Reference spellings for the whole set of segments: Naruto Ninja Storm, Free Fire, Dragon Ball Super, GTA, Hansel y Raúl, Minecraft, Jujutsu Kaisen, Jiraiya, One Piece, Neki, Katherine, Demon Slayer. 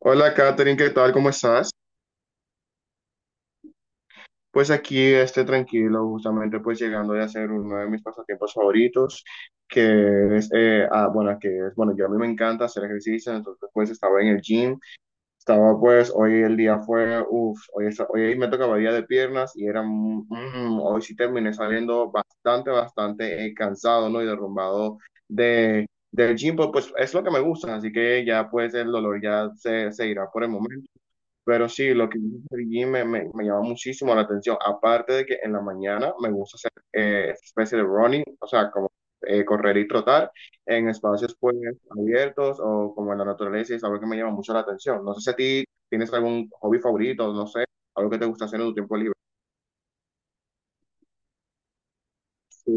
Hola Katherine, ¿qué tal? ¿Cómo estás? Pues aquí esté tranquilo, justamente pues llegando de hacer uno de mis pasatiempos favoritos, que es, bueno, que es, bueno, yo a mí me encanta hacer ejercicio, entonces pues estaba en el gym, estaba pues, hoy el día fue, uff, hoy, hoy me tocaba día de piernas y era, hoy sí terminé saliendo bastante, bastante cansado, ¿no? Y derrumbado de, del gym, pues, es lo que me gusta, así que ya pues el dolor ya se irá por el momento. Pero sí, lo que dices del gym me llama muchísimo la atención. Aparte de que en la mañana me gusta hacer especie de running, o sea, como correr y trotar en espacios pues abiertos o como en la naturaleza y es algo que me llama mucho la atención. No sé si a ti tienes algún hobby favorito, no sé, algo que te gusta hacer en tu tiempo libre. Sí.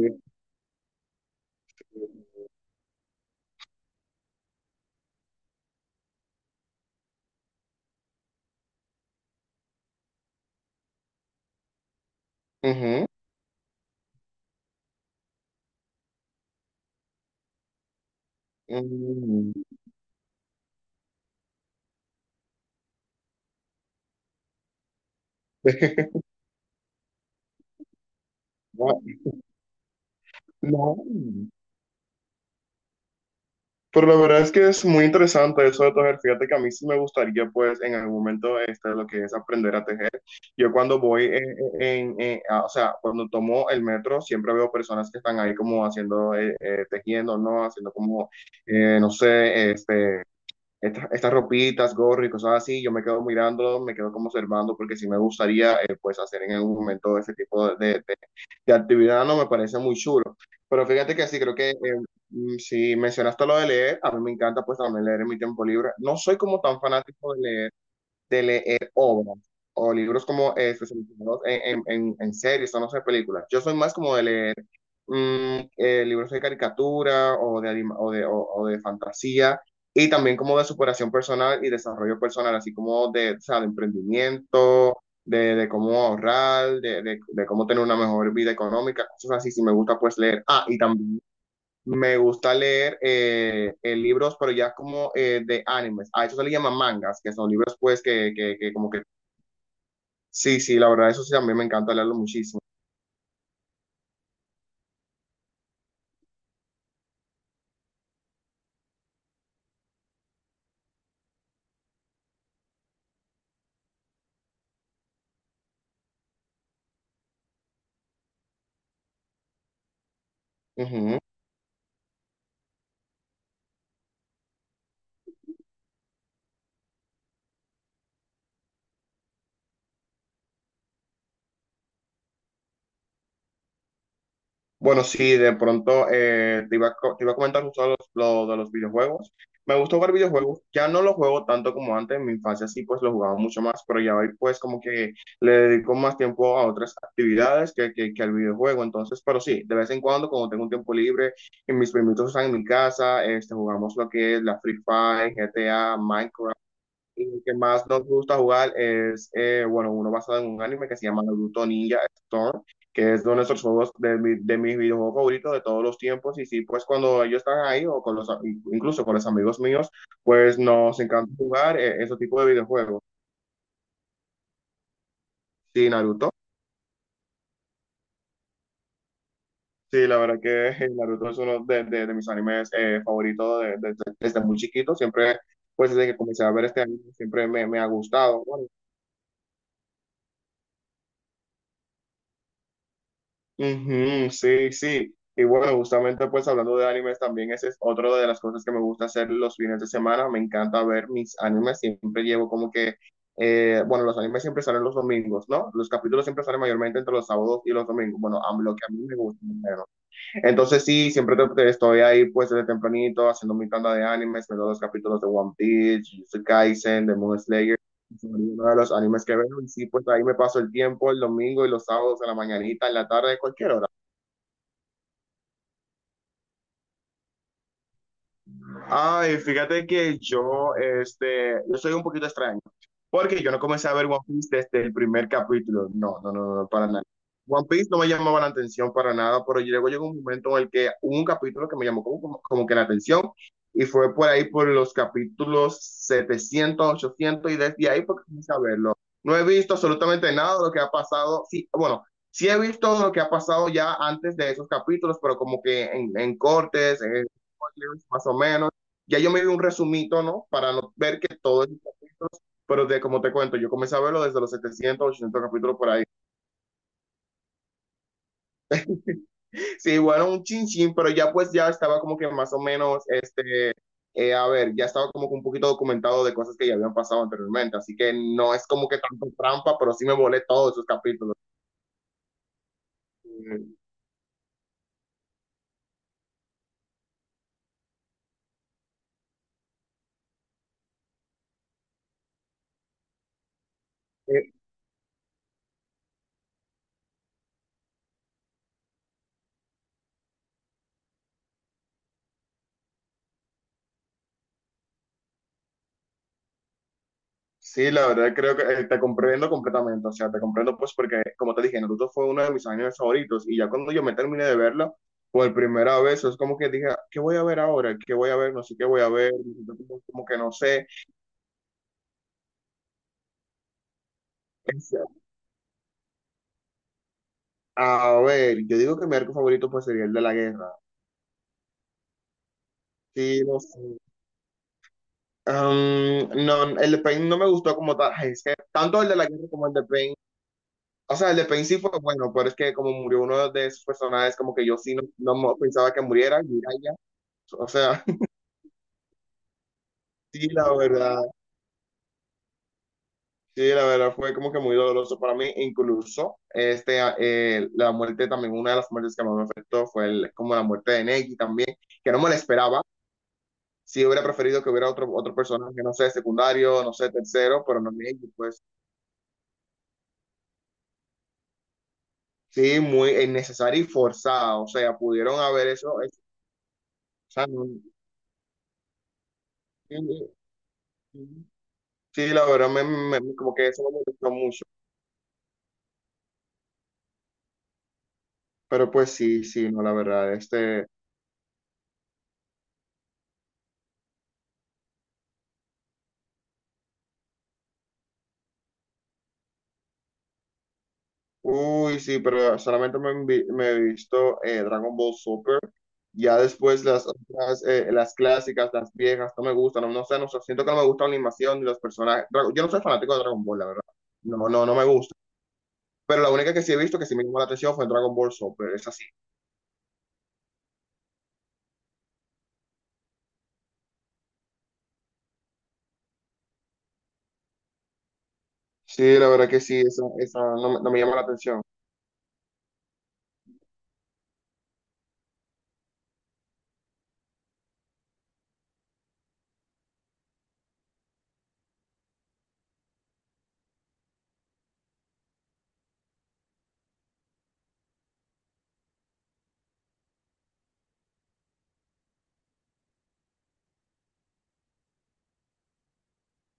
Ujú. Mm. No, no. Pero la verdad es que es muy interesante eso de tejer. Fíjate que a mí sí me gustaría, pues, en algún momento, este, lo que es aprender a tejer. Yo cuando voy, o sea, cuando tomo el metro, siempre veo personas que están ahí como haciendo, tejiendo, ¿no? Haciendo como, no sé, estas ropitas, gorro y cosas así, yo me quedo mirando, me quedo como observando, porque sí me gustaría pues hacer en algún momento ese tipo de actividad, no me parece muy chulo. Pero fíjate que sí, creo que si mencionaste lo de leer, a mí me encanta pues también leer en mi tiempo libre. No soy como tan fanático de leer obras o libros como especializados en series o no sé, películas. Yo soy más como de leer libros de caricatura o de fantasía y también como de superación personal y desarrollo personal, así como de, o sea, de emprendimiento, de cómo ahorrar, de cómo tener una mejor vida económica, cosas así, si me gusta pues leer. Ah, y también me gusta leer libros, pero ya como de animes. A eso se le llama mangas, que son libros pues que como que... Sí, sí, la verdad, eso sí, a mí me encanta leerlo muchísimo. Ujú. Bueno, sí, de pronto te iba a comentar justo lo de los videojuegos. Me gusta jugar videojuegos, ya no los juego tanto como antes, en mi infancia sí pues los jugaba mucho más, pero ya hoy pues como que le dedico más tiempo a otras actividades que al videojuego, entonces, pero sí, de vez en cuando tengo un tiempo libre y mis primitos están en mi casa, este, jugamos lo que es la Free Fire, GTA, Minecraft. Y lo que más nos gusta jugar es, bueno, uno basado en un anime que se llama Naruto Ninja Storm, que es uno de nuestros juegos de mis videojuegos favoritos de todos los tiempos. Y sí, pues cuando ellos están ahí o incluso con los amigos míos, pues nos encanta jugar ese tipo de videojuegos. Sí, Naruto. Sí, la verdad que Naruto es uno de mis animes favoritos desde muy chiquito. Siempre, pues desde que comencé a ver este anime, siempre me ha gustado. Bueno, Ujú, sí, sí. Y bueno, justamente pues hablando de animes también, ese es otro de las cosas que me gusta hacer los fines de semana. Me encanta ver mis animes. Siempre llevo como que, bueno, los animes siempre salen los domingos, ¿no? Los capítulos siempre salen mayormente entre los sábados y los domingos. Bueno, a lo que a mí me gusta. Bueno, entonces sí, siempre te estoy ahí pues desde tempranito haciendo mi tanda de animes, viendo los capítulos de One Piece, Jujutsu Kaisen, Demon Slayer, son uno de los animes que veo y sí, pues ahí me paso el tiempo el domingo y los sábados en la mañanita, en la tarde, cualquier hora. Ay, fíjate que yo, este, yo soy un poquito extraño, porque yo no comencé a ver One Piece desde el primer capítulo. No, no, no, no, para nada. One Piece no me llamaba la atención para nada, pero luego llegó un momento en el que hubo un capítulo que me llamó como que la atención y fue por ahí por los capítulos 700, 800 y desde ahí porque comencé a verlo. No he visto absolutamente nada de lo que ha pasado. Sí, bueno, sí he visto lo que ha pasado ya antes de esos capítulos, pero como que en, cortes, en spoilers, más o menos. Ya yo me vi un resumito, ¿no? Para no ver que todo es... Pero de, como te cuento, yo comencé a verlo desde los 700, 800 capítulos por ahí. Sí, bueno, un chin chin, pero ya pues ya estaba como que más o menos, este, a ver, ya estaba como que un poquito documentado de cosas que ya habían pasado anteriormente. Así que no es como que tanto trampa, pero sí me volé todos esos capítulos. Eh, Sí, la verdad creo que te comprendo completamente, o sea, te comprendo pues porque, como te dije, Naruto fue uno de mis animes favoritos y ya cuando yo me terminé de verlo, por primera vez, es como que dije, ¿qué voy a ver ahora? ¿Qué voy a ver? No sé qué voy a ver, como que no sé. Es- A ver, yo digo que mi arco favorito pues sería el de la guerra. Sí, no sé. No, el de Pain no me gustó como tal, Ay, es que tanto el de la guerra como el de Pain, o sea, el de Pain sí fue bueno, pero es que como murió uno de esos personajes, como que yo sí no pensaba que muriera, Jiraiya, o sea... Sí, la verdad, sí, la verdad fue como que muy doloroso para mí, incluso este, la muerte también, una de las muertes que más me afectó fue como la muerte de Neki también, que no me la esperaba, sí hubiera preferido que hubiera otro, otro personaje, no sé, secundario, no sé, tercero, pero no Neki, pues sí, muy innecesario y forzado, o sea, pudieron haber eso, o sea, sí, sí, sí, la verdad, como que eso me molestó mucho, pero pues sí, sí, no, la verdad, este... Uy, sí, pero solamente me he visto Dragon Ball Super. Ya después las otras, las clásicas, las viejas, no me gustan. No, no sé, no sé, siento que no me gusta la animación ni los personajes. Yo no soy fanático de Dragon Ball, la verdad. No, no, no me gusta. Pero la única que sí he visto que sí me llamó la atención fue Dragon Ball Super, es así. Sí, la verdad que sí, esa no, me no me llama la atención.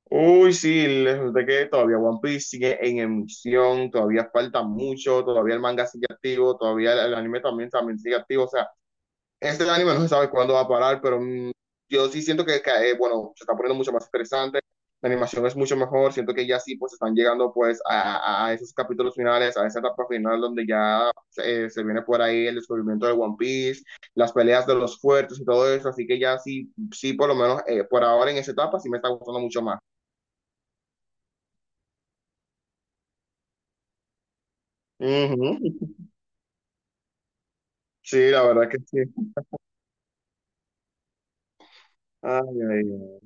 Uy, sí, les resulta que todavía One Piece sigue en emisión, todavía falta mucho, todavía el manga sigue activo, todavía el anime también sigue activo, o sea. Este anime no se sabe cuándo va a parar, pero yo sí siento bueno, se está poniendo mucho más interesante, la animación es mucho mejor, siento que ya sí, pues están llegando pues a esos capítulos finales, a esa etapa final donde ya se viene por ahí el descubrimiento de One Piece, las peleas de los fuertes y todo eso, así que ya sí, sí, por lo menos por ahora en esa etapa sí me está gustando mucho más. Ujú. Sí, la verdad que sí. Ay, ay, ay.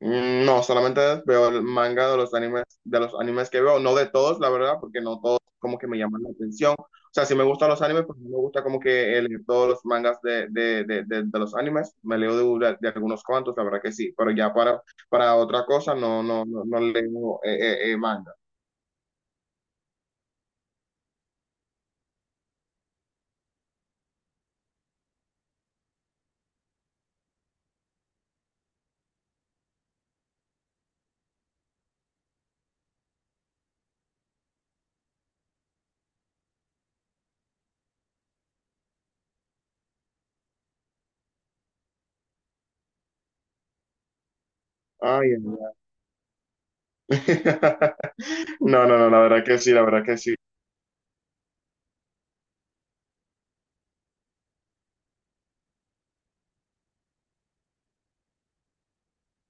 No, solamente veo el manga de los animes que veo, no de todos, la verdad, porque no todos como que me llaman la atención. O sea, si me gustan los animes, pues no me gusta como que leer todos los mangas de los animes. Me leo de algunos cuantos, la verdad que sí, pero ya para otra cosa no, no, no, no leo manga. Ay, ay, No, no, no, la verdad que sí, la verdad que sí.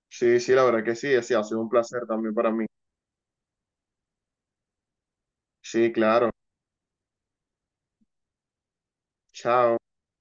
Sí, sí, la verdad que sí, sí, ha sido un placer también para mí. Sí, claro. Chao.